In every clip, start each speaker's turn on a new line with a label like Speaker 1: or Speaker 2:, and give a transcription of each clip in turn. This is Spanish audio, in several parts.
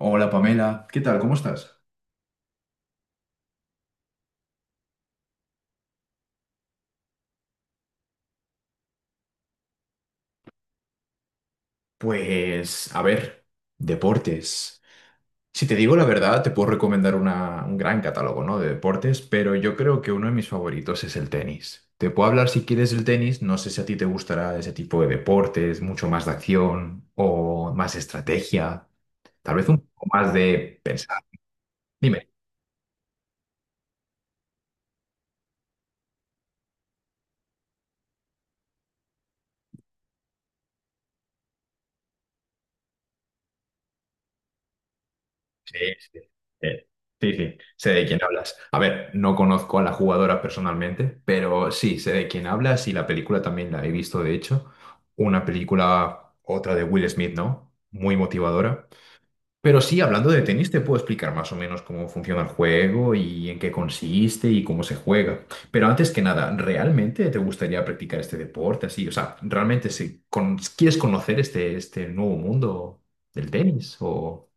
Speaker 1: Hola Pamela, ¿qué tal? ¿Cómo estás? Pues, a ver, deportes. Si te digo la verdad, te puedo recomendar un gran catálogo, ¿no? de deportes, pero yo creo que uno de mis favoritos es el tenis. Te puedo hablar si quieres del tenis, no sé si a ti te gustará ese tipo de deportes, mucho más de acción o más estrategia, tal vez un poco más de pensar. Dime. Sí, sí. Eh, sí, sí, sé de quién hablas. A ver, no conozco a la jugadora personalmente, pero sí, sé de quién hablas y la película también la he visto, de hecho. Una película, otra de Will Smith, ¿no? Muy motivadora. Pero sí, hablando de tenis, te puedo explicar más o menos cómo funciona el juego y en qué consiste y cómo se juega. Pero antes que nada, ¿realmente te gustaría practicar este deporte así? O sea, ¿realmente si con- quieres conocer este nuevo mundo del tenis o...?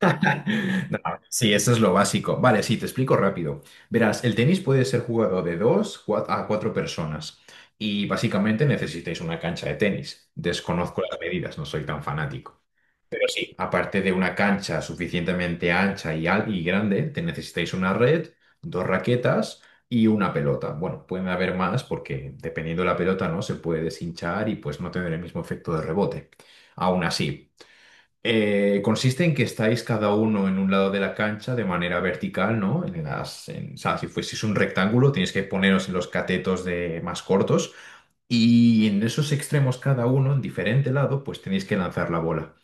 Speaker 1: No, sí, eso es lo básico. Vale, sí, te explico rápido. Verás, el tenis puede ser jugado de a cuatro personas y básicamente necesitáis una cancha de tenis. Desconozco las medidas, no soy tan fanático. Pero sí, aparte de una cancha suficientemente ancha y grande, te necesitáis una red, dos raquetas y una pelota. Bueno, pueden haber más porque dependiendo de la pelota, ¿no? Se puede deshinchar y pues no tener el mismo efecto de rebote. Aún así. Consiste en que estáis cada uno en un lado de la cancha de manera vertical, ¿no? O sea, si fueseis un rectángulo, tenéis que poneros en los catetos de más cortos y en esos extremos cada uno, en diferente lado, pues tenéis que lanzar la bola.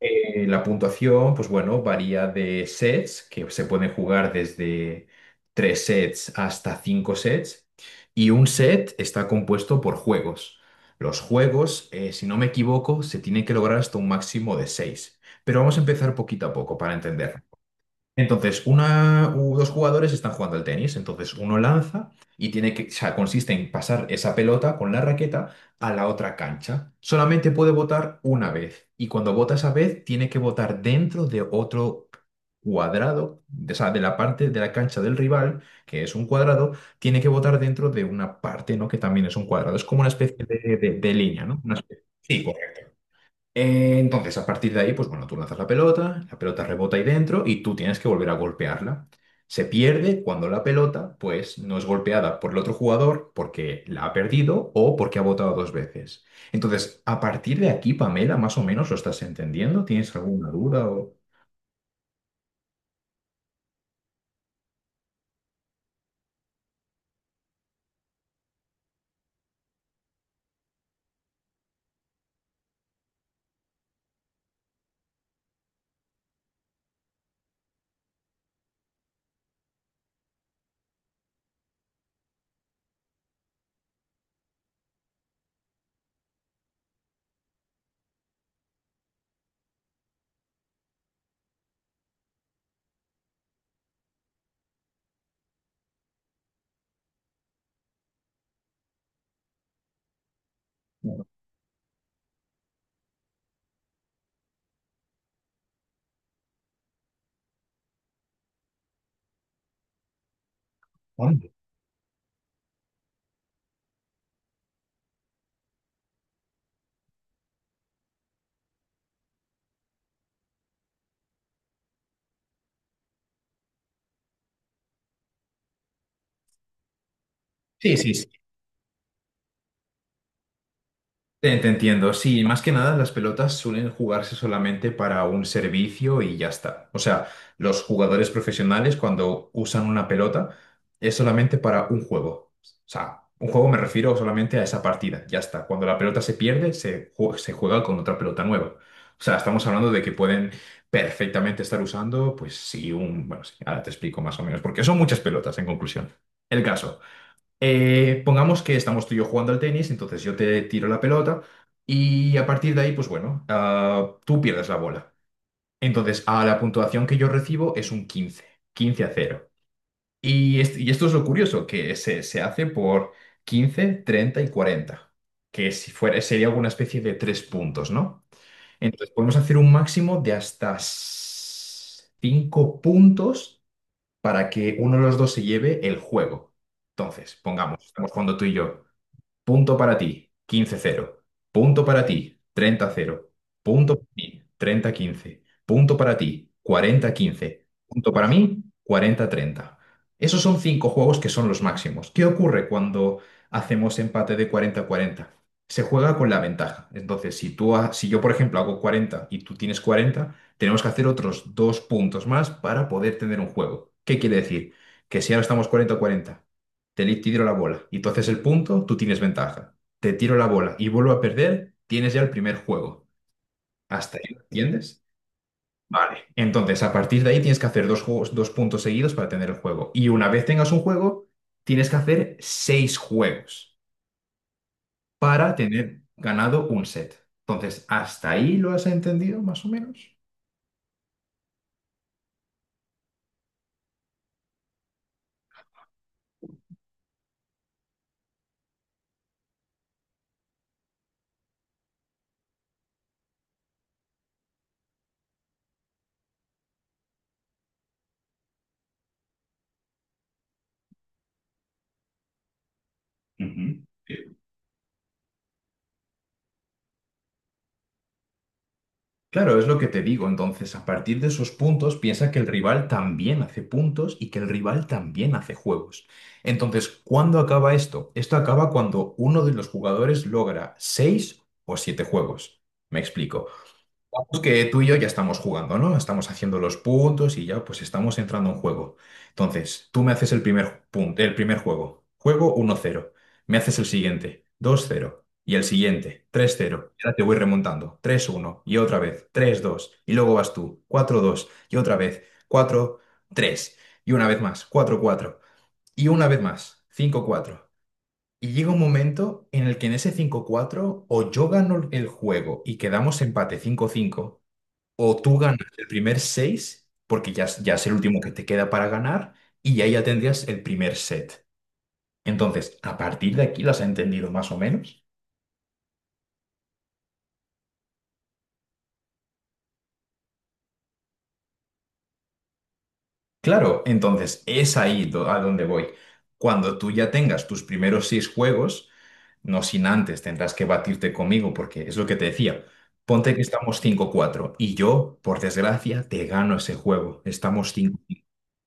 Speaker 1: La puntuación, pues bueno, varía de sets, que se pueden jugar desde tres sets hasta cinco sets, y un set está compuesto por juegos. Los juegos, si no me equivoco, se tienen que lograr hasta un máximo de seis. Pero vamos a empezar poquito a poco para entender. Entonces, dos jugadores están jugando al tenis. Entonces, uno lanza y tiene que, o sea, consiste en pasar esa pelota con la raqueta a la otra cancha. Solamente puede votar una vez. Y cuando vota esa vez, tiene que votar dentro de otro cuadrado, o sea, de la parte de la cancha del rival, que es un cuadrado, tiene que votar dentro de una parte, ¿no? Que también es un cuadrado. Es como una especie de, de línea, ¿no? Sí, correcto. Entonces, a partir de ahí, pues bueno, tú lanzas la pelota rebota ahí dentro y tú tienes que volver a golpearla. Se pierde cuando la pelota, pues, no es golpeada por el otro jugador porque la ha perdido o porque ha botado dos veces. Entonces, a partir de aquí, Pamela, más o menos lo estás entendiendo. ¿Tienes alguna duda o...? Hombre. Sí, sí, te entiendo, sí, más que nada las pelotas suelen jugarse solamente para un servicio y ya está. O sea, los jugadores profesionales cuando usan una pelota es solamente para un juego. O sea, un juego me refiero solamente a esa partida, ya está. Cuando la pelota se pierde, se juega con otra pelota nueva. O sea, estamos hablando de que pueden perfectamente estar usando, pues sí, un... Bueno, sí, ahora te explico más o menos, porque son muchas pelotas en conclusión. El caso. Pongamos que estamos tú y yo jugando al tenis, entonces yo te tiro la pelota y a partir de ahí, pues bueno, tú pierdes la bola. Entonces, a la puntuación que yo recibo es un 15. 15 a 0. Y, y esto es lo curioso, que se hace por quince, 30 y cuarenta, que si fuera, sería alguna especie de tres puntos, ¿no? Entonces, podemos hacer un máximo de hasta cinco puntos para que uno de los dos se lleve el juego. Entonces, pongamos, estamos jugando tú y yo. Punto para ti, 15-0. Punto para ti, 30-0. Punto para ti, 30-15. Punto para ti, 40-15. Punto para mí, 40-30. Esos son cinco juegos que son los máximos. ¿Qué ocurre cuando hacemos empate de 40-40? Se juega con la ventaja. Entonces, si tú, si yo, por ejemplo, hago 40 y tú tienes 40, tenemos que hacer otros dos puntos más para poder tener un juego. ¿Qué quiere decir? Que si ahora estamos 40-40, te le tiro la bola y tú haces el punto, tú tienes ventaja. Te tiro la bola y vuelvo a perder, tienes ya el primer juego. ¿Hasta ahí entiendes? Vale. Entonces, a partir de ahí tienes que hacer dos juegos, dos puntos seguidos para tener el juego. Y una vez tengas un juego, tienes que hacer seis juegos para tener ganado un set. Entonces, ¿hasta ahí lo has entendido, más o menos? Ujú. Claro, es lo que te digo. Entonces, a partir de esos puntos, piensa que el rival también hace puntos y que el rival también hace juegos. Entonces, ¿cuándo acaba esto? Esto acaba cuando uno de los jugadores logra seis o siete juegos. Me explico. Pues que tú y yo ya estamos jugando, ¿no? Estamos haciendo los puntos y ya pues estamos entrando en juego. Entonces, tú me haces el primer punto, el primer juego. Juego 1-0. Me haces el siguiente, 2-0. Y el siguiente, 3-0. Y ahora te voy remontando, 3-1. Y otra vez, 3-2. Y luego vas tú, 4-2. Y otra vez, 4-3. Y una vez más, 4-4. Y una vez más, 5-4. Y llega un momento en el que en ese 5-4 o yo gano el juego y quedamos empate 5-5. O tú ganas el primer 6 porque ya, ya es el último que te queda para ganar, y ahí ya tendrías el primer set. Entonces, a partir de aquí, ¿las has entendido más o menos? Claro, entonces es ahí a donde voy. Cuando tú ya tengas tus primeros seis juegos, no sin antes tendrás que batirte conmigo, porque es lo que te decía. Ponte que estamos 5-4 y yo, por desgracia, te gano ese juego. Estamos cinco.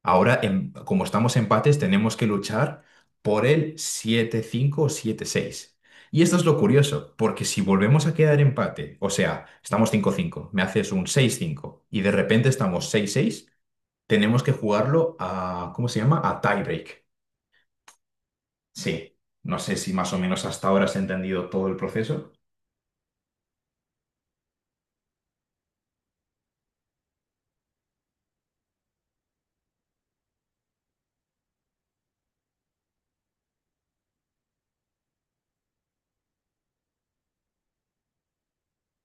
Speaker 1: Ahora, como estamos empates, tenemos que luchar por el 7-5 o 7-6. Y esto es lo curioso, porque si volvemos a quedar empate, o sea, estamos 5-5, me haces un 6-5 y de repente estamos 6-6, tenemos que jugarlo a, ¿cómo se llama? A tiebreak. Sí, no sé si más o menos hasta ahora has entendido todo el proceso.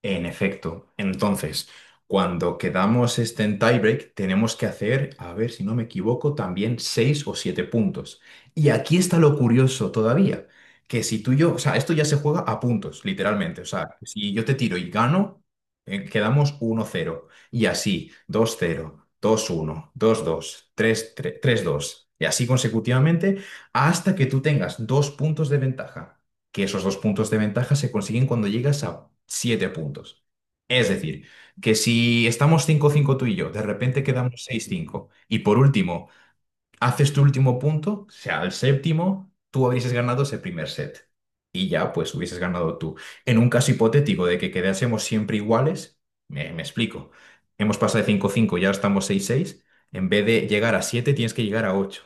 Speaker 1: En efecto. Entonces, cuando quedamos este en tiebreak, tenemos que hacer, a ver si no me equivoco, también seis o siete puntos. Y aquí está lo curioso todavía, que si tú y yo, o sea, esto ya se juega a puntos, literalmente. O sea, si yo te tiro y gano, quedamos uno cero. Y así, 2-0, 2-1, 2-2, 3-3, 3-2. Y así consecutivamente hasta que tú tengas dos puntos de ventaja, que esos dos puntos de ventaja se consiguen cuando llegas a siete puntos. Es decir, que si estamos 5-5 tú y yo, de repente quedamos 6-5 y por último haces tu último punto, sea el séptimo, tú hubieses ganado ese primer set. Y ya, pues hubieses ganado tú. En un caso hipotético de que quedásemos siempre iguales, me explico. Hemos pasado de 5-5, ya estamos 6-6. En vez de llegar a 7, tienes que llegar a 8.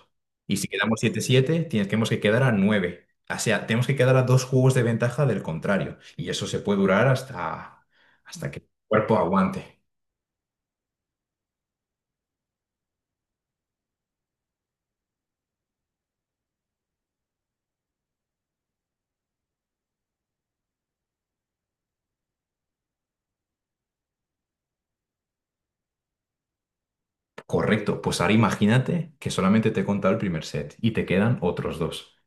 Speaker 1: Y si quedamos 7-7, tenemos que quedar a 9. O sea, tenemos que quedar a dos juegos de ventaja del contrario. Y eso se puede durar hasta, que el cuerpo aguante. Correcto, pues ahora imagínate que solamente te he contado el primer set y te quedan otros dos.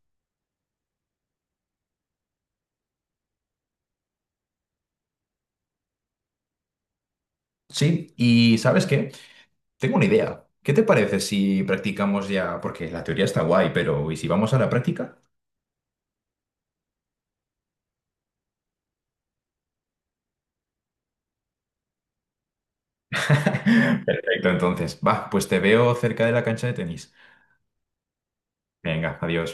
Speaker 1: Sí, y ¿sabes qué? Tengo una idea. ¿Qué te parece si practicamos ya? Porque la teoría está guay, pero ¿y si vamos a la práctica? Perfecto, entonces, va, pues te veo cerca de la cancha de tenis. Venga, adiós.